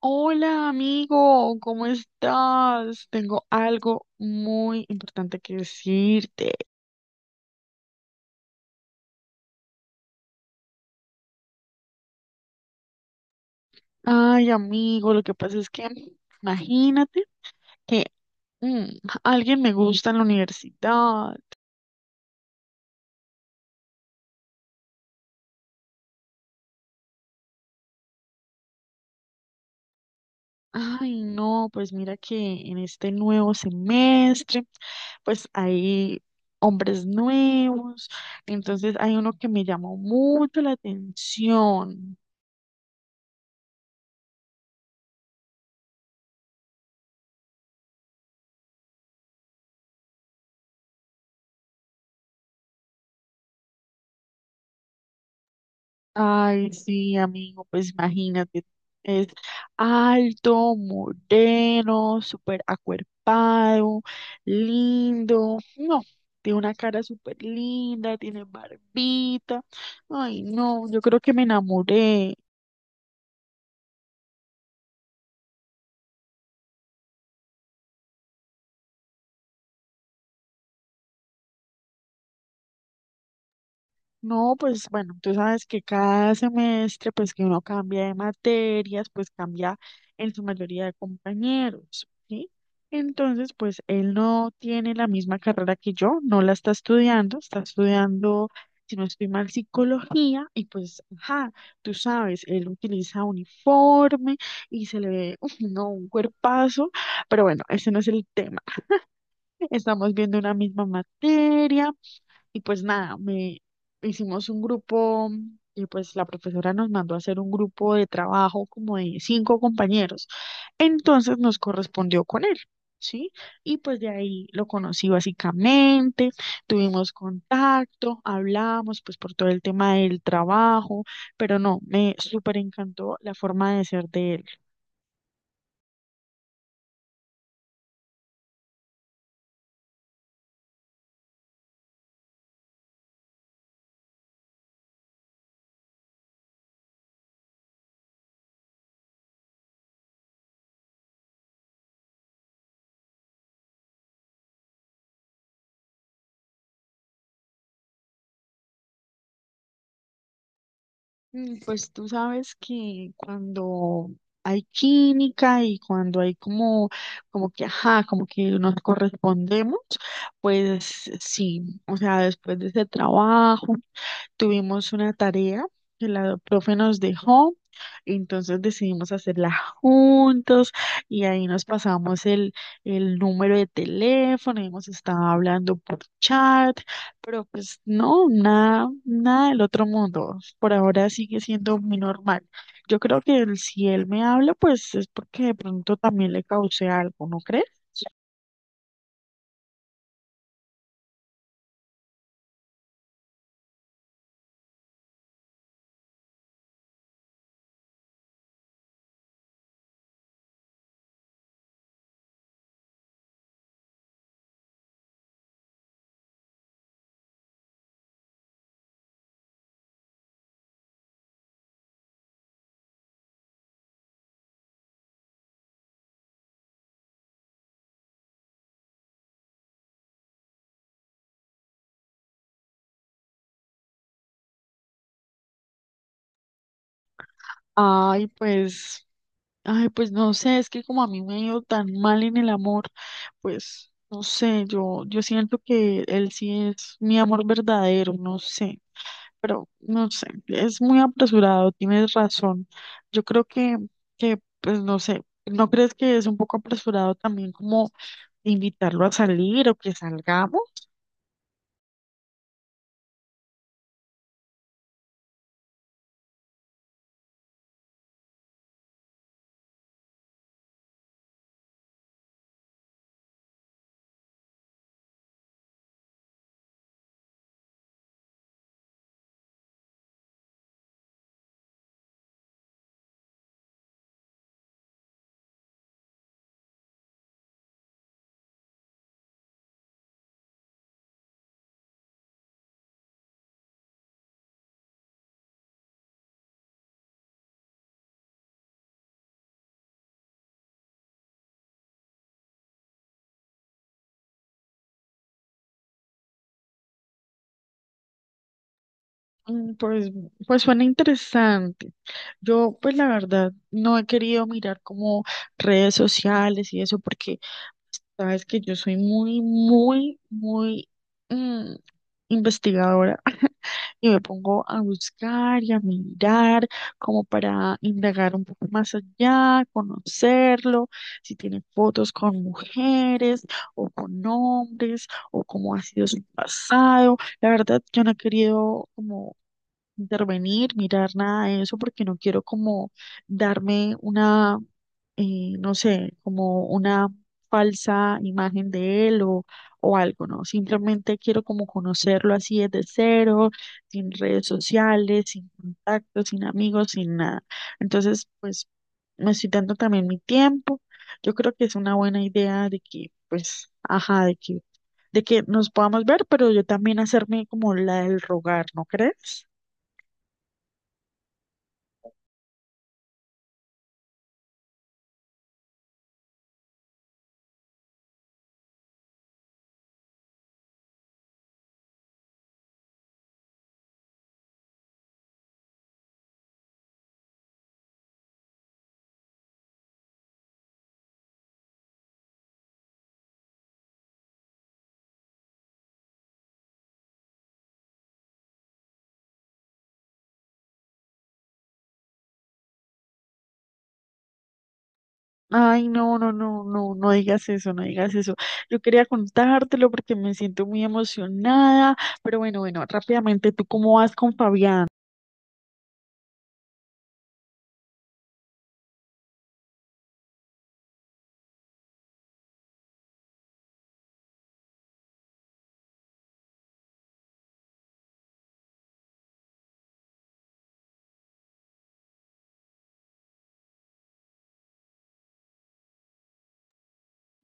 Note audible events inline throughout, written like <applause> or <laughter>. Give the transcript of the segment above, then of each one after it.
Hola amigo, ¿cómo estás? Tengo algo muy importante que decirte. Ay amigo, lo que pasa es que imagínate que mm, alguien me gusta en la universidad. Ay no, pues mira que en este nuevo semestre, pues hay hombres nuevos, entonces hay uno que me llamó mucho la atención. Ay, sí, amigo, pues imagínate, es alto, moreno, súper acuerpado, lindo, no, tiene una cara súper linda, tiene barbita, ay, no, yo creo que me enamoré. No, pues bueno, tú sabes que cada semestre, pues que uno cambia de materias, pues cambia en su mayoría de compañeros, ¿sí? Entonces, pues él no tiene la misma carrera que yo, no la está estudiando, si no estoy mal, psicología, y pues, ajá, tú sabes, él utiliza uniforme y se le ve, <laughs> uf, no, un cuerpazo, pero bueno, ese no es el tema. Estamos viendo una misma materia. Y pues nada, me hicimos un grupo y pues la profesora nos mandó a hacer un grupo de trabajo como de cinco compañeros. Entonces nos correspondió con él, ¿sí? Y pues de ahí lo conocí básicamente, tuvimos contacto, hablamos pues por todo el tema del trabajo, pero no, me súper encantó la forma de ser de él. Pues tú sabes que cuando hay química y cuando hay como que, ajá, como que nos correspondemos, pues sí, o sea, después de ese trabajo. Tuvimos una tarea que la profe nos dejó, entonces decidimos hacerla juntos y ahí nos pasamos el número de teléfono, hemos estado hablando por chat, pero pues no, nada, nada del otro mundo. Por ahora sigue siendo muy normal. Yo creo que si él me habla, pues es porque de pronto también le causé algo, ¿no crees? Ay, pues. Ay, pues no sé, es que como a mí me ha ido tan mal en el amor, pues no sé, yo siento que él sí es mi amor verdadero, no sé, pero no sé, es muy apresurado, tienes razón. Yo creo que pues no sé, ¿no crees que es un poco apresurado también como invitarlo a salir o que salgamos? Mm, Pues, pues suena interesante. Yo, pues la verdad, no he querido mirar como redes sociales y eso, porque sabes que yo soy muy, muy, muy mm, investigadora <laughs> y me pongo a buscar y a mirar como para indagar un poco más allá, conocerlo, si tiene fotos con mujeres o con hombres o cómo ha sido su pasado. La verdad, yo no he querido como intervenir, mirar nada de eso, porque no quiero como darme una, no sé, como una falsa imagen de él o algo, ¿no? Simplemente quiero como conocerlo así desde cero, sin redes sociales, sin contactos, sin amigos, sin nada. Entonces, pues me estoy dando también mi tiempo. Yo creo que es una buena idea de que, pues, ajá, de que nos podamos ver, pero yo también hacerme como la del rogar, ¿no crees? Ay, no, no, no, no, no digas eso, no digas eso. Yo quería contártelo porque me siento muy emocionada, pero bueno, bueno, rápidamente, ¿tú cómo vas con Fabián?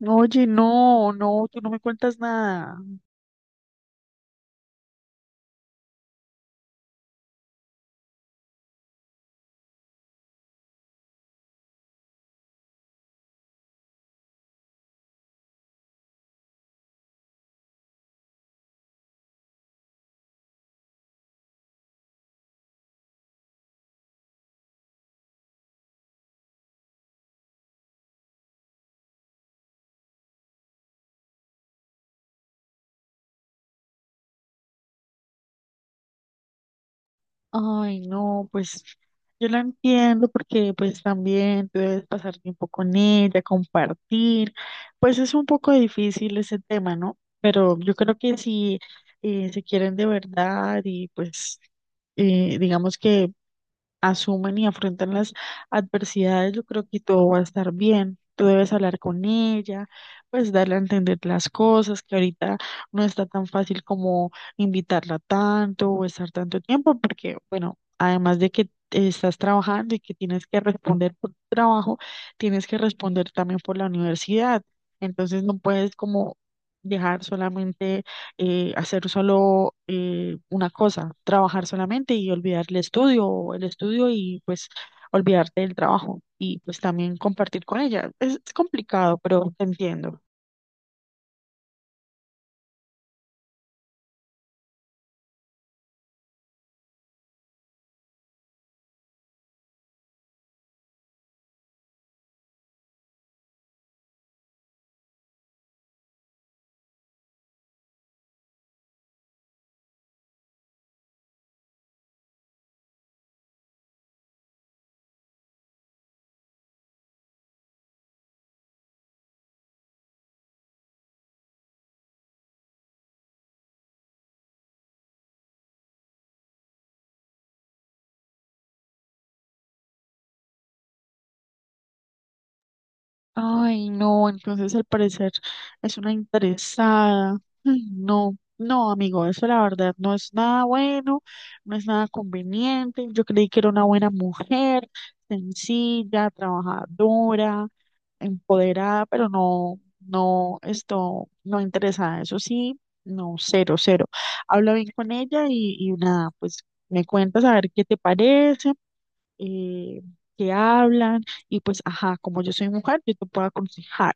Oye, no, no, tú no me cuentas nada. Ay, no, pues yo la entiendo porque pues también tú debes pasar tiempo con ella, compartir. Pues es un poco difícil ese tema, ¿no? Pero yo creo que si se quieren de verdad y pues digamos que asumen y afrontan las adversidades, yo creo que todo va a estar bien. Tú debes hablar con ella, pues darle a entender las cosas, que ahorita no está tan fácil como invitarla tanto o estar tanto tiempo, porque, bueno, además de que estás trabajando y que tienes que responder por tu trabajo, tienes que responder también por la universidad. Entonces no puedes como dejar solamente hacer solo una cosa, trabajar solamente y olvidar el estudio, o el estudio y pues olvidarte del trabajo y pues también compartir con ella. Es complicado, pero te entiendo. Ay, no, entonces al parecer es una interesada. Ay, no, no, amigo, eso la verdad no es nada bueno, no es nada conveniente. Yo creí que era una buena mujer, sencilla, trabajadora empoderada, pero no, no, esto, no interesada, eso sí, no, cero, cero. Habla bien con ella y nada, pues me cuentas a ver qué te parece, eh, qué hablan y pues, ajá, como yo soy mujer, yo te puedo aconsejar.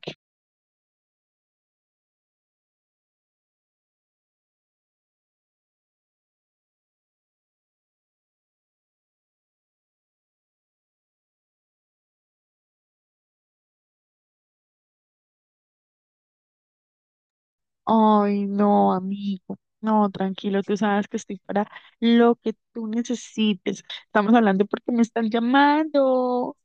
Ay, no, amigo. No, tranquilo, tú sabes que estoy para lo que tú necesites. Estamos hablando porque me están llamando.